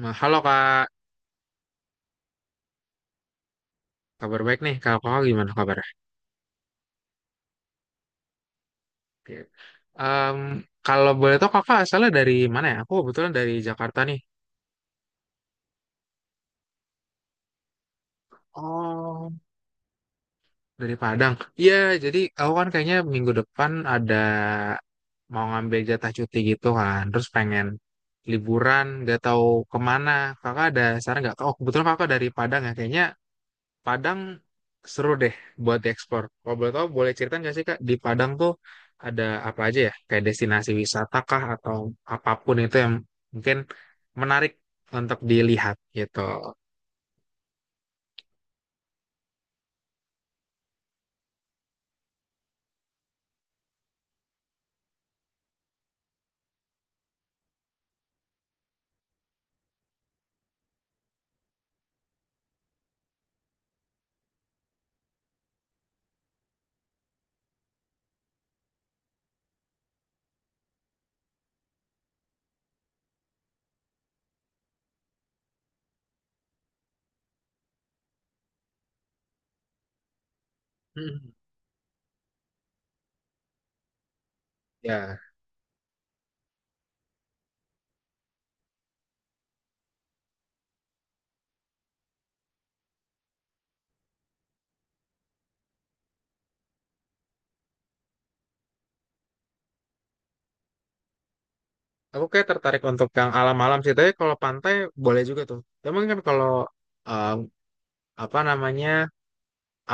Nah, halo Kak, kabar baik nih. Kalau kakak gimana kabarnya? Oke. Em, kalau boleh tahu kakak asalnya dari mana ya? Aku kebetulan dari Jakarta nih. Oh, dari Padang. Iya, jadi aku kan kayaknya minggu depan ada mau ngambil jatah cuti gitu kan. Terus pengen liburan, gak tahu kemana. Kakak ada saran nggak? Oh, kebetulan kakak dari Padang ya. Kayaknya Padang seru deh buat diekspor. Kalau boleh tahu, boleh cerita nggak sih Kak, di Padang tuh ada apa aja ya? Kayak destinasi wisata kah atau apapun itu yang mungkin menarik untuk dilihat gitu. Hmm. Ya, aku kayak tertarik untuk yang alam-alam sih. Tapi kalau pantai boleh juga tuh. Cuman kan kalau um, apa namanya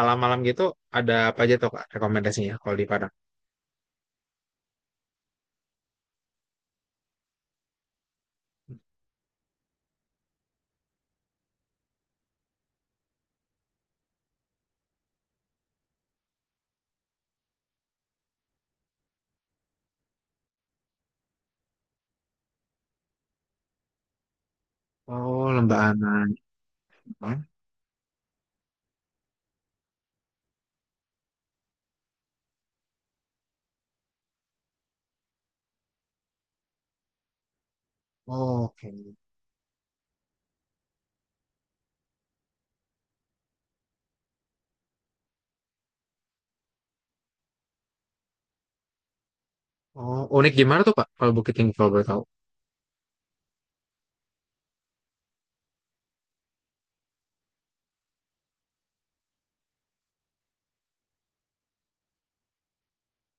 alam-alam gitu ada apa aja tuh Kak rekomendasinya kalau di Padang? Oh, Lembah Anai. Oh, oke. Oh, unik gimana tuh Pak kalau Bukit Tinggi kalau boleh tahu?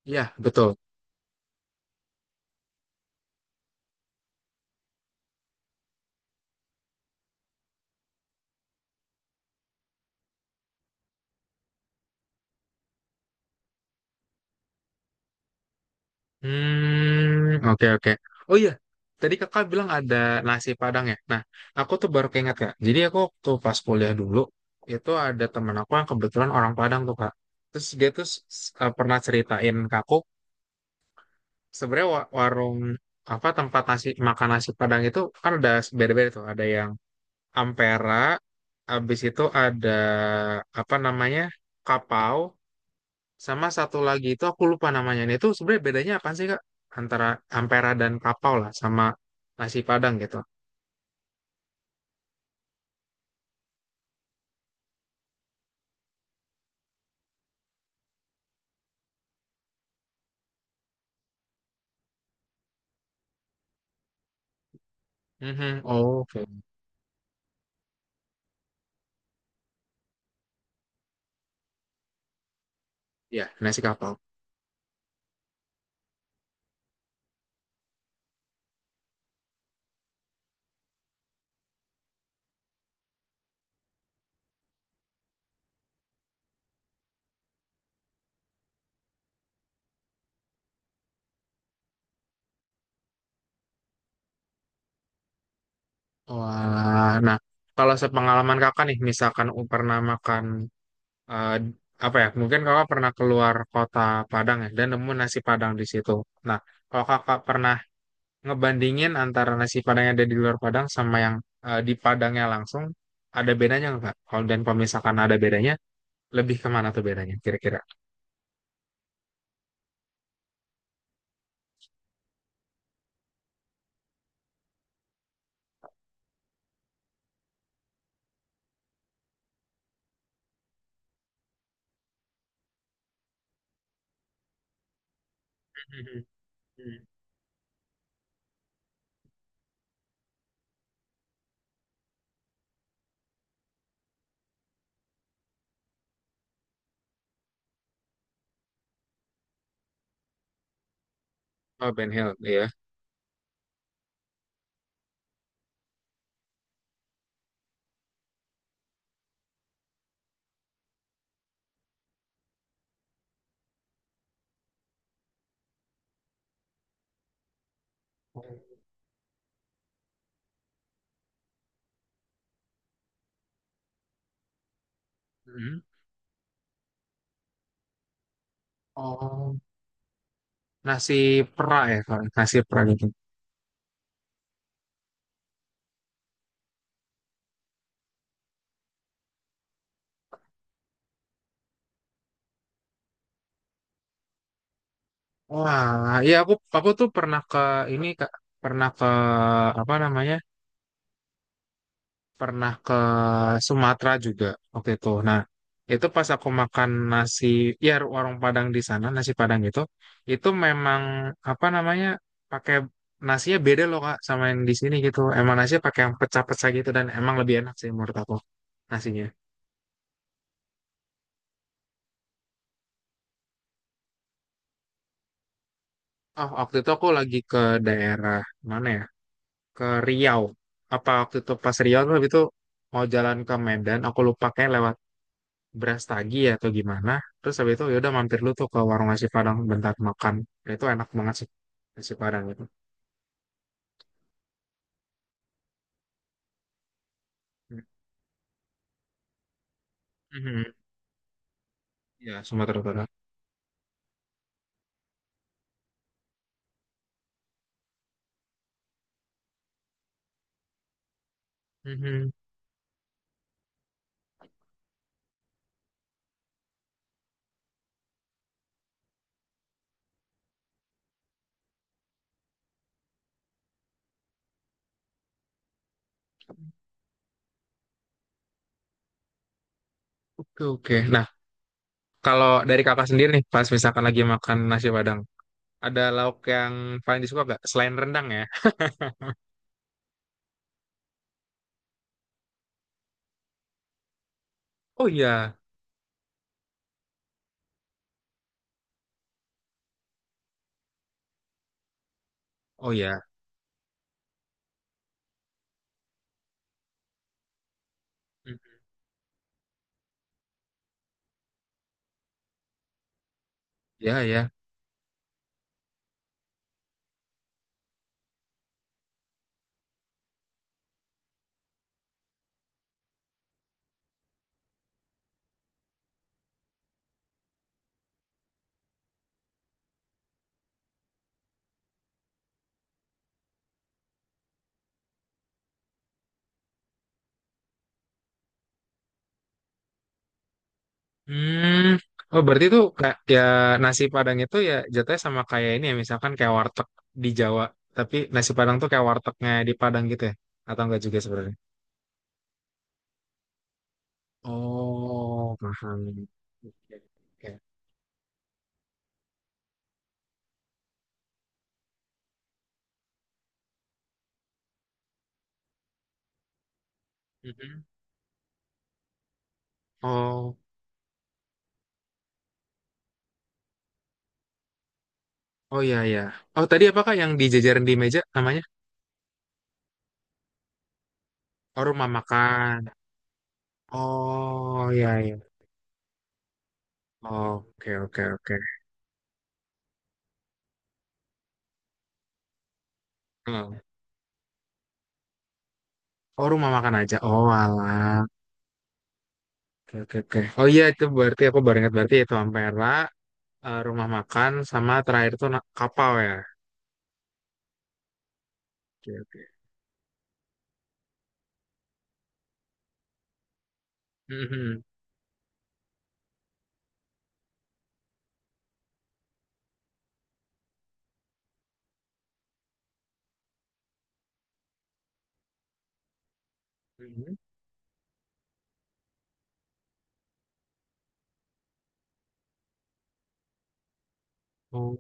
Iya, betul. Hmm, oke, oke. Oh iya, tadi kakak bilang ada nasi Padang ya. Nah, aku tuh baru keinget kak. Jadi aku waktu pas kuliah dulu itu ada teman aku yang kebetulan orang Padang tuh kak. Terus dia tuh pernah ceritain ke aku sebenarnya warung apa tempat nasi makan nasi Padang itu kan ada beda-beda tuh. Ada yang Ampera, habis itu ada apa namanya Kapau, sama satu lagi itu aku lupa namanya. Nah, itu sebenarnya bedanya apa sih Kak? Antara ampera dan kapau lah sama nasi Padang gitu. Mhm. Oh, oke. Ya, nasi kapau. Wah, nah kalau sepengalaman Kakak nih misalkan pernah makan eh, apa ya? Mungkin Kakak pernah keluar kota Padang ya dan nemu nasi Padang di situ. Nah, kalau Kakak pernah ngebandingin antara nasi Padang yang ada di luar Padang sama yang di Padangnya langsung, ada bedanya nggak Kak? Kalau dan kalau misalkan ada bedanya lebih kemana tuh bedanya kira-kira? Mhm, mhm. Oh, Ben Hill, iya. Hmm. Oh, nasi pera ya, Kak? Nasi pera gitu. Wah, iya aku tuh pernah ke ini Kak, pernah ke apa namanya? Pernah ke Sumatera juga waktu itu. Nah, itu pas aku makan nasi ya warung Padang di sana, nasi Padang itu memang apa namanya? Pakai nasinya beda loh Kak sama yang di sini gitu. Emang nasinya pakai yang pecah-pecah gitu dan emang lebih enak sih menurut aku. Nasinya. Oh, waktu itu aku lagi ke daerah mana ya? Ke Riau. Apa waktu itu pas Riau tuh habis itu mau jalan ke Medan, aku lupa kayak lewat Brastagi ya atau gimana. Terus habis itu ya udah mampir lu tuh ke warung nasi Padang bentar makan. Ya, itu enak banget sih nasi Padang itu. Mhm. Ya, Sumatera Utara. Mhm. Oke, oke. Nah, kalau dari kakak sendiri nih, pas misalkan lagi makan nasi Padang, ada lauk yang paling disuka gak? Selain rendang ya? Oh iya, oh iya. Mhm. Ya, ya. Hmm. Oh, berarti tuh kayak ya nasi Padang itu ya jatuhnya sama kayak ini ya, misalkan kayak warteg di Jawa, tapi nasi Padang tuh kayak wartegnya di Padang gitu ya? Atau enggak juga sebenarnya? Oh, paham. Oke, oke. Mhm. Oh, oh iya ya. Oh, tadi apakah yang dijajarin di meja namanya? Oh, rumah makan. Oh, iya ya. Oke, oke, oke. Hmm. Oh, rumah makan aja. Oh, alah. Oke, oke, oke. Oh iya itu berarti aku baru ingat berarti itu Ampera. Rumah makan sama terakhir tuh kapal ya. Oke, oke. Mhm. Mhm. Oh,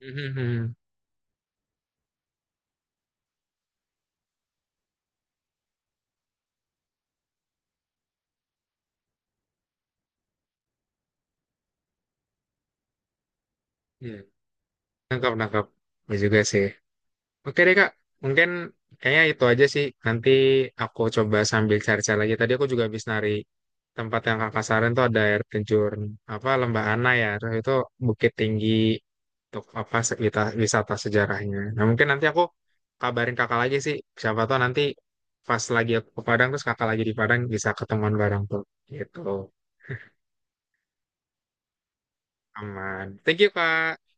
mhm. Mhm. Iya. Nangkap, nangkap. Ya juga sih. Oke deh Kak, mungkin kayaknya itu aja sih. Nanti aku coba sambil cari-cari lagi. Tadi aku juga habis nari tempat yang Kakak saran tuh ada air terjun apa Lembah Ana ya. Terus itu bukit tinggi untuk apa wisata sejarahnya. Nah mungkin nanti aku kabarin Kakak lagi sih. Siapa tahu nanti pas lagi aku ke Padang terus Kakak lagi di Padang bisa ketemuan bareng tuh. Gitu. Aman. Thank you Kak.